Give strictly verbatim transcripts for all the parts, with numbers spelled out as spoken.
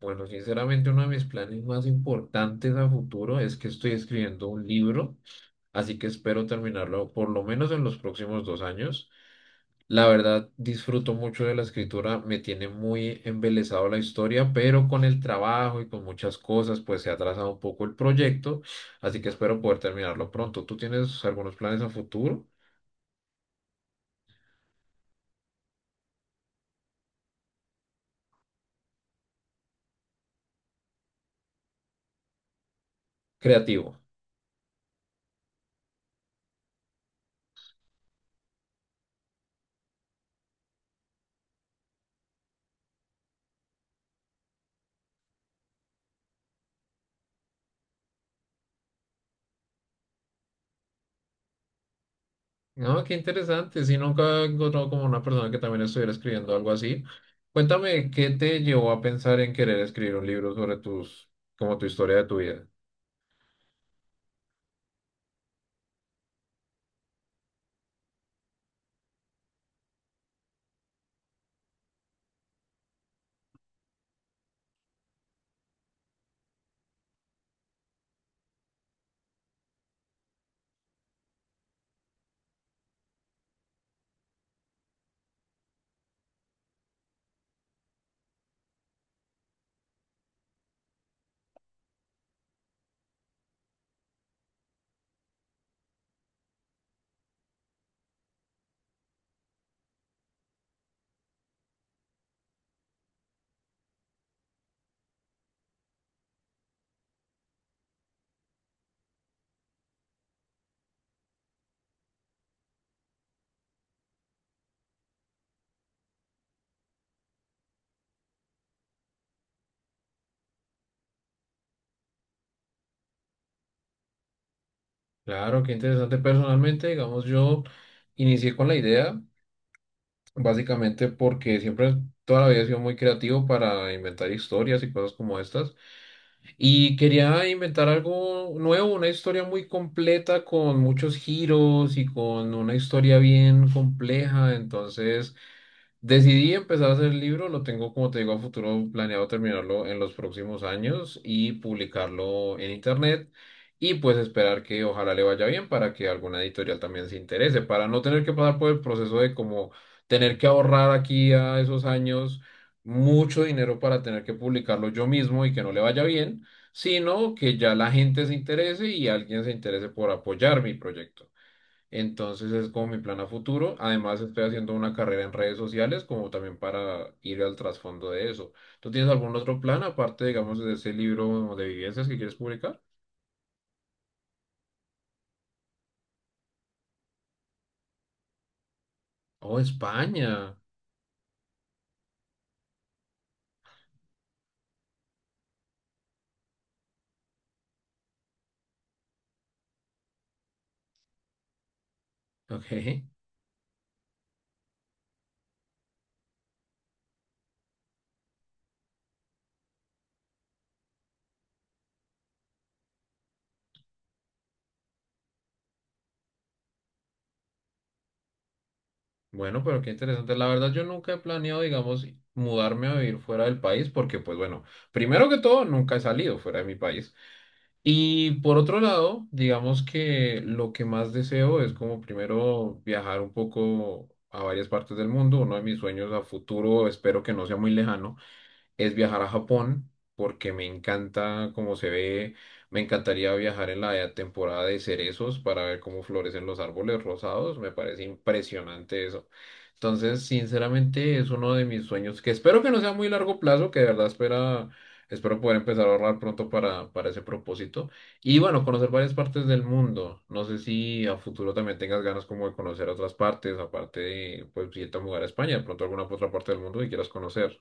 Bueno, sinceramente uno de mis planes más importantes a futuro es que estoy escribiendo un libro, así que espero terminarlo por lo menos en los próximos dos años. La verdad, disfruto mucho de la escritura, me tiene muy embelesado la historia, pero con el trabajo y con muchas cosas, pues se ha atrasado un poco el proyecto, así que espero poder terminarlo pronto. ¿Tú tienes algunos planes a futuro? Creativo. No, qué interesante. Si nunca he encontrado como una persona que también estuviera escribiendo algo así. Cuéntame, ¿qué te llevó a pensar en querer escribir un libro sobre tus, como tu historia de tu vida? Claro, qué interesante. Personalmente, digamos, yo inicié con la idea, básicamente porque siempre, toda la vida he sido muy creativo para inventar historias y cosas como estas. Y quería inventar algo nuevo, una historia muy completa con muchos giros y con una historia bien compleja. Entonces, decidí empezar a hacer el libro, lo tengo, como te digo, a futuro planeado terminarlo en los próximos años y publicarlo en internet y pues esperar que ojalá le vaya bien para que alguna editorial también se interese, para no tener que pasar por el proceso de como tener que ahorrar aquí a esos años mucho dinero para tener que publicarlo yo mismo y que no le vaya bien, sino que ya la gente se interese y alguien se interese por apoyar mi proyecto. Entonces es como mi plan a futuro. Además estoy haciendo una carrera en redes sociales como también para ir al trasfondo de eso. ¿Tú tienes algún otro plan aparte, digamos, de ese libro de vivencias que quieres publicar? Oh, España. Ok. Bueno, pero qué interesante. La verdad yo nunca he planeado, digamos, mudarme a vivir fuera del país porque, pues bueno, primero que todo, nunca he salido fuera de mi país. Y por otro lado, digamos que lo que más deseo es como primero viajar un poco a varias partes del mundo. Uno de mis sueños a futuro, espero que no sea muy lejano, es viajar a Japón, porque me encanta cómo se ve. Me encantaría viajar en la temporada de cerezos para ver cómo florecen los árboles rosados. Me parece impresionante eso. Entonces, sinceramente, es uno de mis sueños que espero que no sea muy largo plazo, que de verdad espera, espero poder empezar a ahorrar pronto para, para ese propósito. Y bueno, conocer varias partes del mundo. No sé si a futuro también tengas ganas como de conocer otras partes, aparte de, pues, si te mudar a España, de pronto alguna otra parte del mundo que quieras conocer.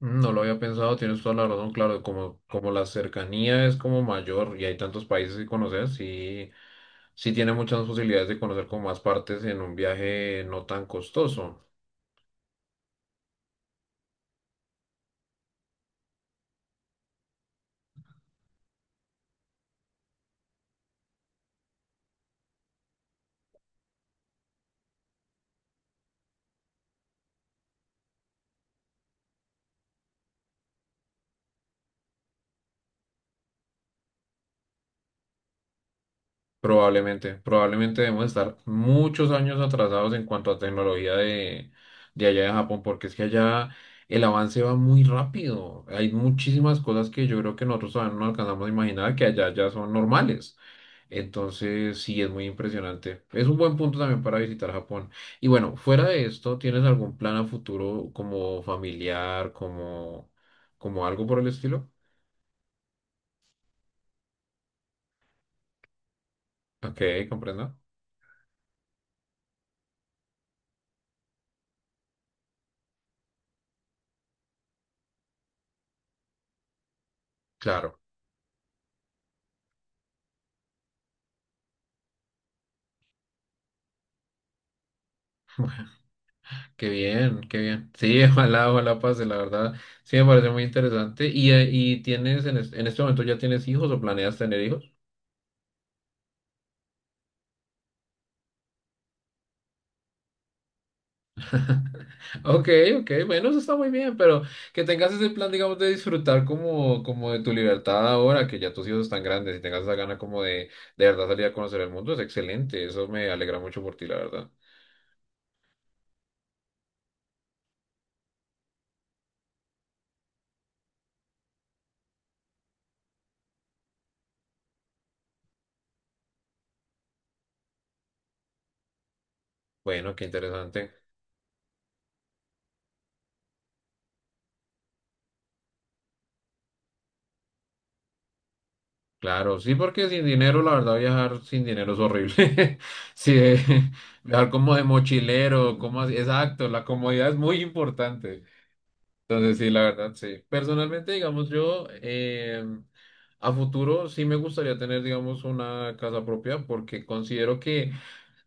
No lo había pensado, tienes toda la razón, claro, como, como la cercanía es como mayor y hay tantos países que conocer, sí, sí tiene muchas posibilidades de conocer como más partes en un viaje no tan costoso. Probablemente, probablemente debemos estar muchos años atrasados en cuanto a tecnología de, de allá de Japón, porque es que allá el avance va muy rápido. Hay muchísimas cosas que yo creo que nosotros todavía no alcanzamos a imaginar que allá ya son normales. Entonces, sí, es muy impresionante. Es un buen punto también para visitar Japón. Y bueno, fuera de esto, ¿tienes algún plan a futuro como familiar, como, como algo por el estilo? Ok, comprendo. Claro, qué bien, qué bien. Sí, ojalá, ojalá pase, la verdad. Sí, me parece muy interesante. ¿Y, eh, y tienes en, es- en este momento ya tienes hijos o planeas tener hijos? Ok, ok, bueno, eso está muy bien, pero que tengas ese plan, digamos, de disfrutar como, como de tu libertad ahora, que ya tus hijos están grandes y tengas esa gana como de, de verdad salir a conocer el mundo, es excelente, eso me alegra mucho por ti, la verdad. Bueno, qué interesante. Claro, sí, porque sin dinero, la verdad, viajar sin dinero es horrible. Sí, eh, viajar como de mochilero, como así, exacto, la comodidad es muy importante. Entonces, sí, la verdad, sí. Personalmente, digamos, yo eh, a futuro sí me gustaría tener, digamos, una casa propia porque considero que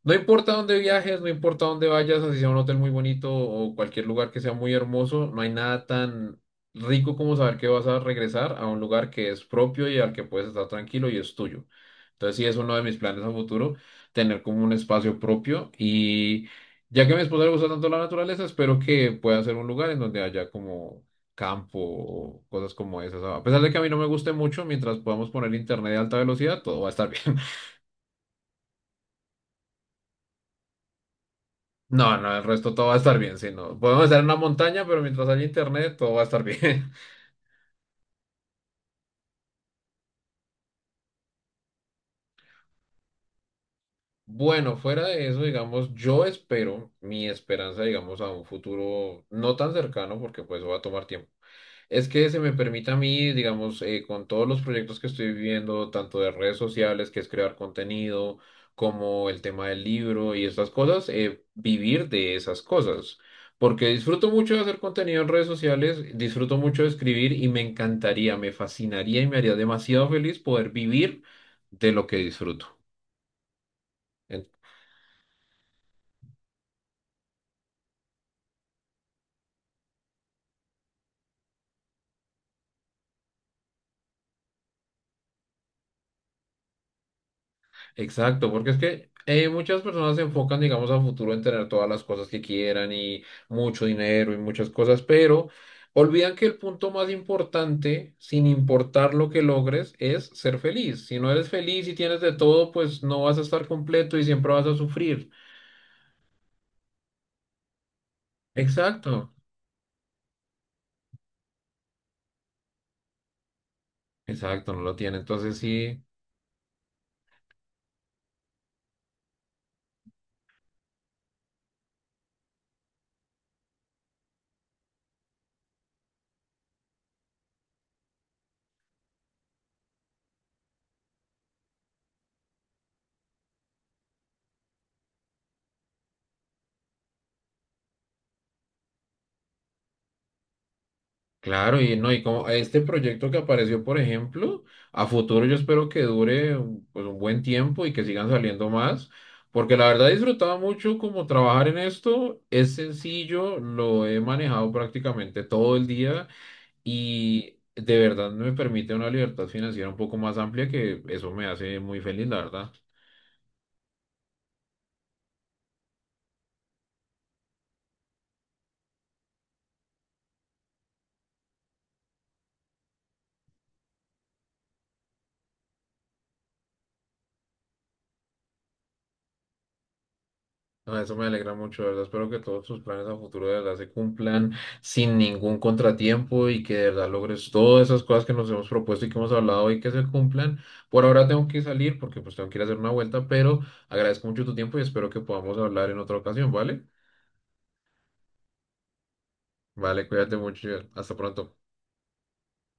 no importa dónde viajes, no importa dónde vayas, así sea un hotel muy bonito o cualquier lugar que sea muy hermoso, no hay nada tan rico como saber que vas a regresar a un lugar que es propio y al que puedes estar tranquilo y es tuyo. Entonces sí es uno de mis planes a futuro, tener como un espacio propio y ya que a mi esposa le gusta tanto la naturaleza, espero que pueda ser un lugar en donde haya como campo o cosas como esas. A pesar de que a mí no me guste mucho, mientras podamos poner internet de alta velocidad, todo va a estar bien. No, no, el resto todo va a estar bien, si no. Podemos estar en una montaña, pero mientras haya internet, todo va a estar bien. Bueno, fuera de eso, digamos, yo espero, mi esperanza, digamos, a un futuro no tan cercano, porque pues va a tomar tiempo. Es que se me permite a mí, digamos, eh, con todos los proyectos que estoy viviendo, tanto de redes sociales, que es crear contenido, como el tema del libro y estas cosas, eh, vivir de esas cosas. Porque disfruto mucho de hacer contenido en redes sociales, disfruto mucho de escribir y me encantaría, me fascinaría y me haría demasiado feliz poder vivir de lo que disfruto. Exacto, porque es que eh, muchas personas se enfocan, digamos, a futuro en tener todas las cosas que quieran y mucho dinero y muchas cosas, pero olvidan que el punto más importante, sin importar lo que logres, es ser feliz. Si no eres feliz y tienes de todo, pues no vas a estar completo y siempre vas a sufrir. Exacto, exacto, no lo tiene. Entonces sí. Claro, y no, y como este proyecto que apareció, por ejemplo, a futuro yo espero que dure un- pues, un buen tiempo y que sigan saliendo más, porque la verdad he disfrutado mucho como trabajar en esto, es sencillo, lo he manejado prácticamente todo el día y de verdad me permite una libertad financiera un poco más amplia que eso me hace muy feliz, la verdad. No, eso me alegra mucho, de verdad. Espero que todos tus planes a futuro de verdad se cumplan sin ningún contratiempo y que de verdad logres todas esas cosas que nos hemos propuesto y que hemos hablado hoy que se cumplan. Por ahora tengo que salir porque pues tengo que ir a hacer una vuelta, pero agradezco mucho tu tiempo y espero que podamos hablar en otra ocasión, ¿vale? Vale, cuídate mucho. Hasta pronto.